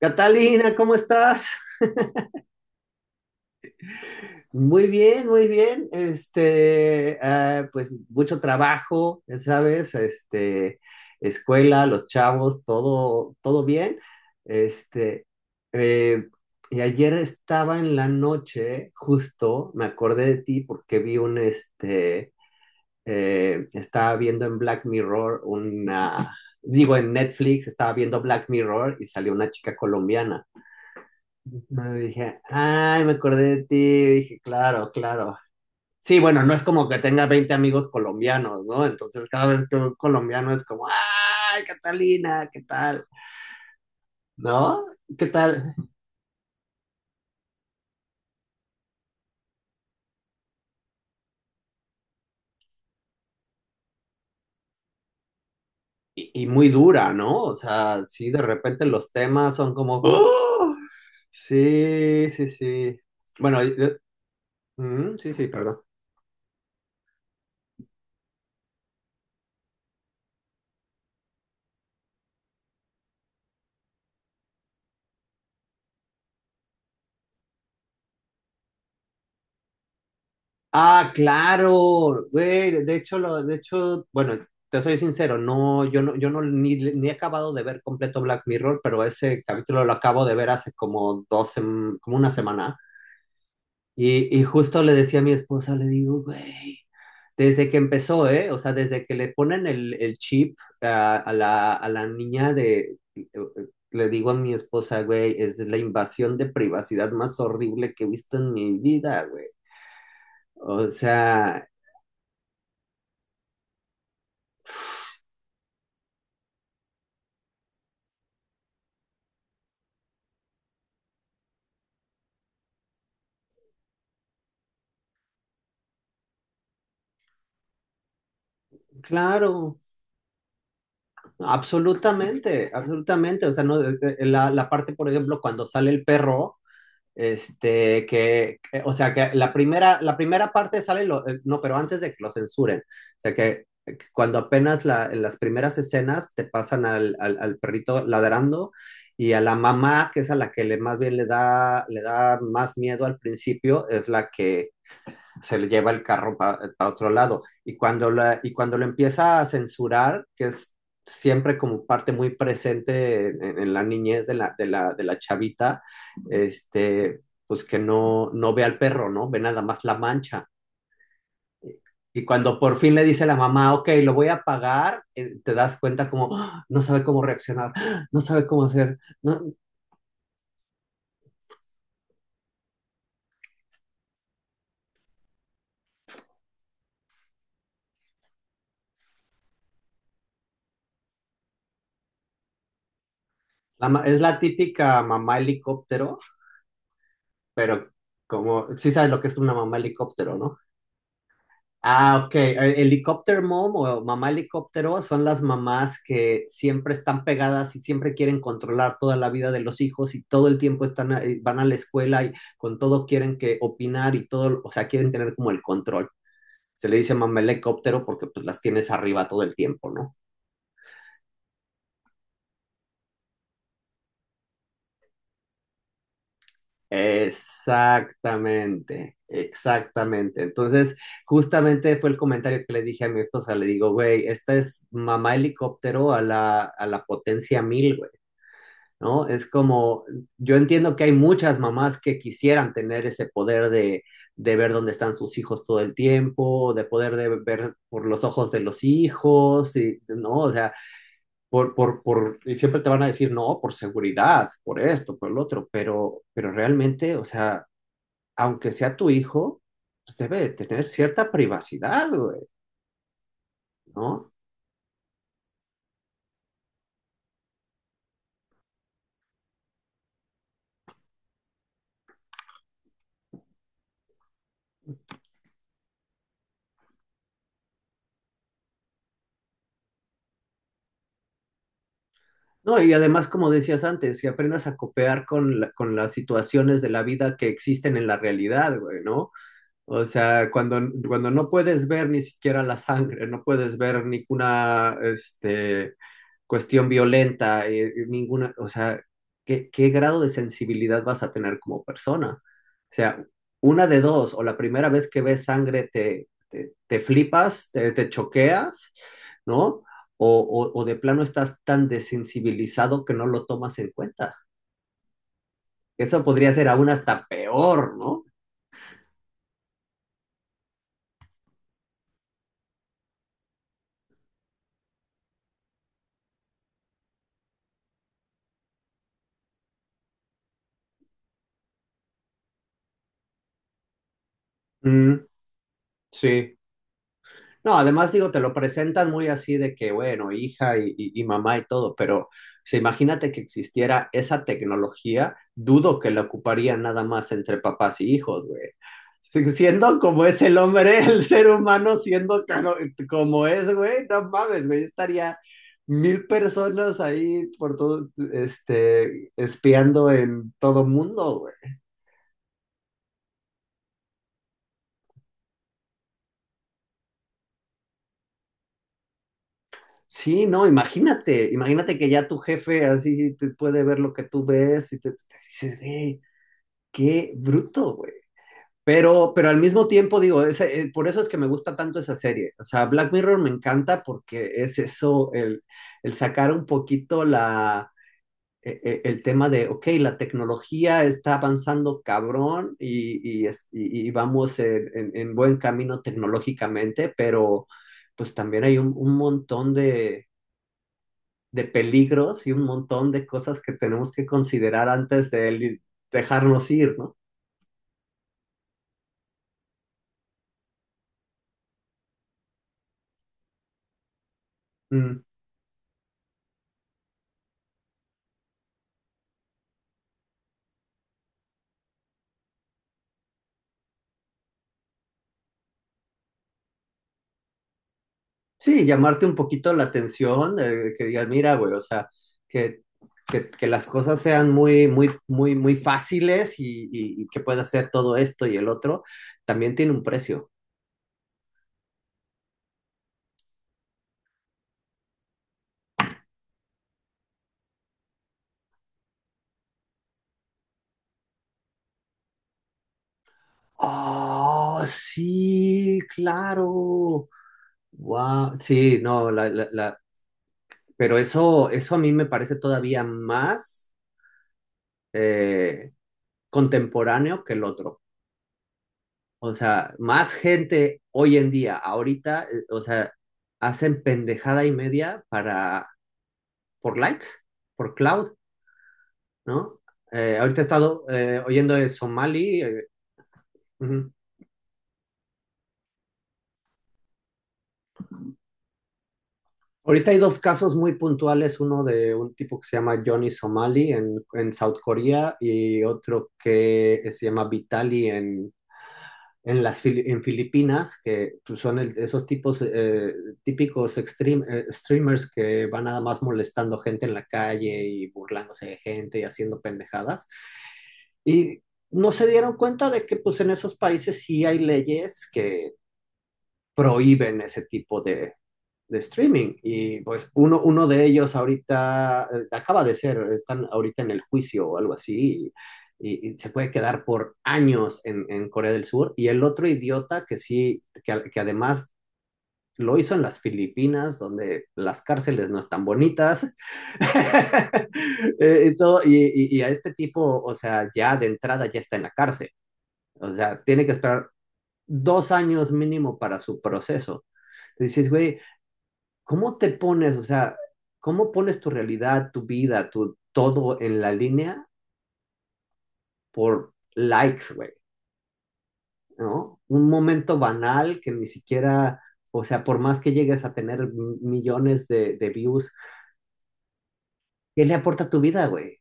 Catalina, ¿cómo estás? Muy bien, muy bien. Pues mucho trabajo, ya sabes, escuela, los chavos, todo, todo bien. Este, eh, y ayer estaba en la noche, justo, me acordé de ti porque estaba viendo en Black Mirror una, digo, en Netflix estaba viendo Black Mirror y salió una chica colombiana. No, dije, ay, me acordé de ti. Dije, claro, claro. Sí, bueno, no es como que tenga 20 amigos colombianos, ¿no? Entonces, cada vez que un colombiano es como, ay, Catalina, ¿qué tal? ¿No? ¿Qué tal? Y muy dura, ¿no? O sea, sí, de repente los temas son como, ¡Oh! Sí, sí, sí. Bueno, mm, sí, sí, perdón. Ah, claro, güey, de hecho, bueno, te soy sincero, no, yo no ni he acabado de ver completo Black Mirror, pero ese capítulo lo acabo de ver hace como como una semana. Y justo le decía a mi esposa, le digo, güey, desde que empezó, ¿eh? O sea, desde que le ponen el chip a la niña le digo a mi esposa, güey, es la invasión de privacidad más horrible que he visto en mi vida, güey. O sea, claro. Absolutamente, absolutamente. O sea, no, la, la parte, por ejemplo, cuando sale el perro, o sea, que la primera parte sale, no, pero antes de que lo censuren. O sea, que cuando apenas en las primeras escenas te pasan al perrito ladrando y a la mamá, que es a la que más bien le da más miedo al principio, es la que se le lleva el carro para pa otro lado. Y cuando lo empieza a censurar, que es siempre como parte muy presente en la niñez de la chavita, este, pues que no, no ve al perro, ¿no? Ve nada más la mancha. Y cuando por fin le dice la mamá, ok, lo voy a pagar, te das cuenta como, ¡Ah! No sabe cómo reaccionar, ¡Ah! No sabe cómo hacer. No, es la típica mamá helicóptero, pero como, sí sabes lo que es una mamá helicóptero, ¿no? Ah, ok. Helicopter Mom o Mamá Helicóptero son las mamás que siempre están pegadas y siempre quieren controlar toda la vida de los hijos y todo el tiempo están, van a la escuela y con todo quieren que opinar y todo, o sea, quieren tener como el control. Se le dice Mamá Helicóptero porque pues las tienes arriba todo el tiempo, ¿no? Exactamente, exactamente. Entonces, justamente fue el comentario que le dije a mi esposa, le digo, güey, esta es Mamá Helicóptero a la potencia 1000, güey. ¿No? Es como, yo entiendo que hay muchas mamás que quisieran tener ese poder de ver dónde están sus hijos todo el tiempo, de poder de ver por los ojos de los hijos, ¿no? O sea, y siempre te van a decir, no, por seguridad, por esto, por lo otro, pero realmente, o sea, aunque sea tu hijo, pues debe de tener cierta privacidad, güey, ¿no? No, y además, como decías antes, que aprendas a copear con las situaciones de la vida que existen en la realidad, güey, ¿no? O sea, cuando no puedes ver ni siquiera la sangre, no puedes ver ninguna, cuestión violenta, ninguna, o sea, ¿qué grado de sensibilidad vas a tener como persona? O sea, una de dos, o la primera vez que ves sangre te flipas, te choqueas, ¿no? O de plano estás tan desensibilizado que no lo tomas en cuenta. Eso podría ser aún hasta peor, ¿no? Mm, sí. No, además digo, te lo presentan muy así de que, bueno, hija y mamá y todo, pero se imagínate que existiera esa tecnología, dudo que la ocuparían nada más entre papás y hijos, güey. Siendo como es el hombre, el ser humano, siendo como es, güey, no mames, güey, estaría 1000 personas ahí por todo, espiando en todo mundo. Sí, no, imagínate, imagínate que ya tu jefe así te puede ver lo que tú ves y te dices, güey, qué bruto, güey. Pero al mismo tiempo digo, por eso es que me gusta tanto esa serie. O sea, Black Mirror me encanta porque es eso, el sacar un poquito el tema de, ok, la tecnología está avanzando cabrón y vamos en buen camino tecnológicamente, pero pues también hay un montón de peligros y un montón de cosas que tenemos que considerar antes de dejarnos ir, ¿no? Mm. Sí, llamarte un poquito la atención, que digas, mira, güey, o sea, que, que las cosas sean muy, muy, muy, muy fáciles y que puedas hacer todo esto y el otro, también tiene un precio. Oh, sí, claro. Wow. Sí, no, pero eso a mí me parece todavía más. eh, Contemporáneo que el otro. O sea, más gente hoy en día, ahorita, o sea, hacen pendejada y media por likes, por cloud, ¿no? Ahorita he estado oyendo de Somali. Ujú. Ahorita hay dos casos muy puntuales, uno de un tipo que se llama Johnny Somali en South Korea y otro que se llama Vitali en Filipinas, que pues, son esos tipos típicos extreme, streamers que van nada más molestando gente en la calle y burlándose de gente y haciendo pendejadas. Y no se dieron cuenta de que pues en esos países sí hay leyes que prohíben ese tipo de streaming. Y pues uno de ellos ahorita están ahorita en el juicio o algo así, y se puede quedar por años en Corea del Sur. Y el otro idiota que sí, que además lo hizo en las Filipinas, donde las cárceles no están bonitas. Y a este tipo, o sea, ya de entrada ya está en la cárcel. O sea, tiene que esperar 2 años mínimo para su proceso. Dices, güey, ¿cómo te pones, o sea, cómo pones tu realidad, tu vida, tu todo en la línea por likes, güey, ¿no? Un momento banal que ni siquiera, o sea, por más que llegues a tener millones de views, ¿qué le aporta a tu vida, güey?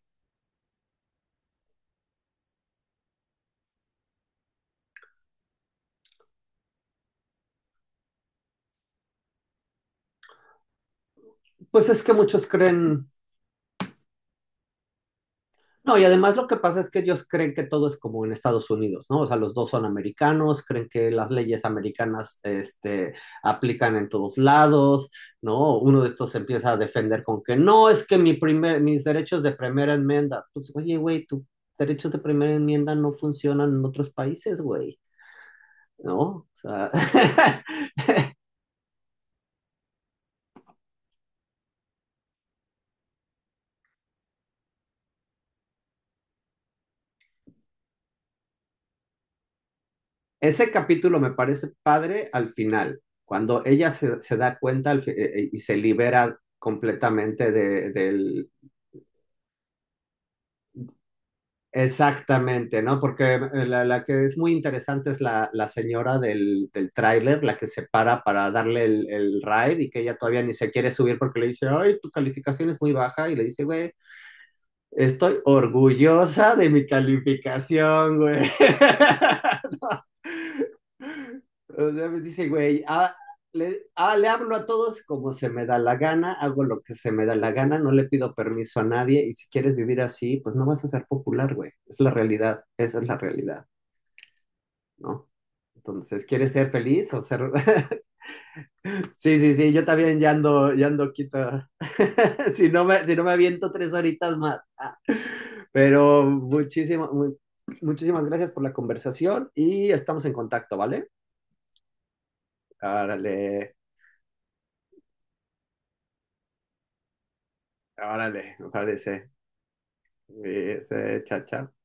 Pues es que muchos creen. No, y además lo que pasa es que ellos creen que todo es como en Estados Unidos, ¿no? O sea, los dos son americanos, creen que las leyes americanas, aplican en todos lados, ¿no? Uno de estos se empieza a defender con que no, es que mis derechos de primera enmienda, pues, oye, güey, tus derechos de primera enmienda no funcionan en otros países, güey, ¿no? O sea, ese capítulo me parece padre al final, cuando ella se da cuenta y se libera completamente del. Exactamente, ¿no? Porque la que es muy interesante es la señora del tráiler, la que se para darle el ride y que ella todavía ni se quiere subir porque le dice, ay, tu calificación es muy baja y le dice, güey, estoy orgullosa de mi calificación, güey. O sea, me dice, güey, le hablo a todos como se me da la gana, hago lo que se me da la gana, no le pido permiso a nadie y si quieres vivir así, pues no vas a ser popular, güey. Es la realidad, esa es la realidad, ¿no? Entonces, ¿quieres ser feliz o ser? Sí, sí, sí, yo también ya ando, quita. si no me aviento 3 horitas más. Pero muchísimas gracias por la conversación y estamos en contacto, ¿vale? Árale, árale, me parece. Sí, sí, Chao, chao.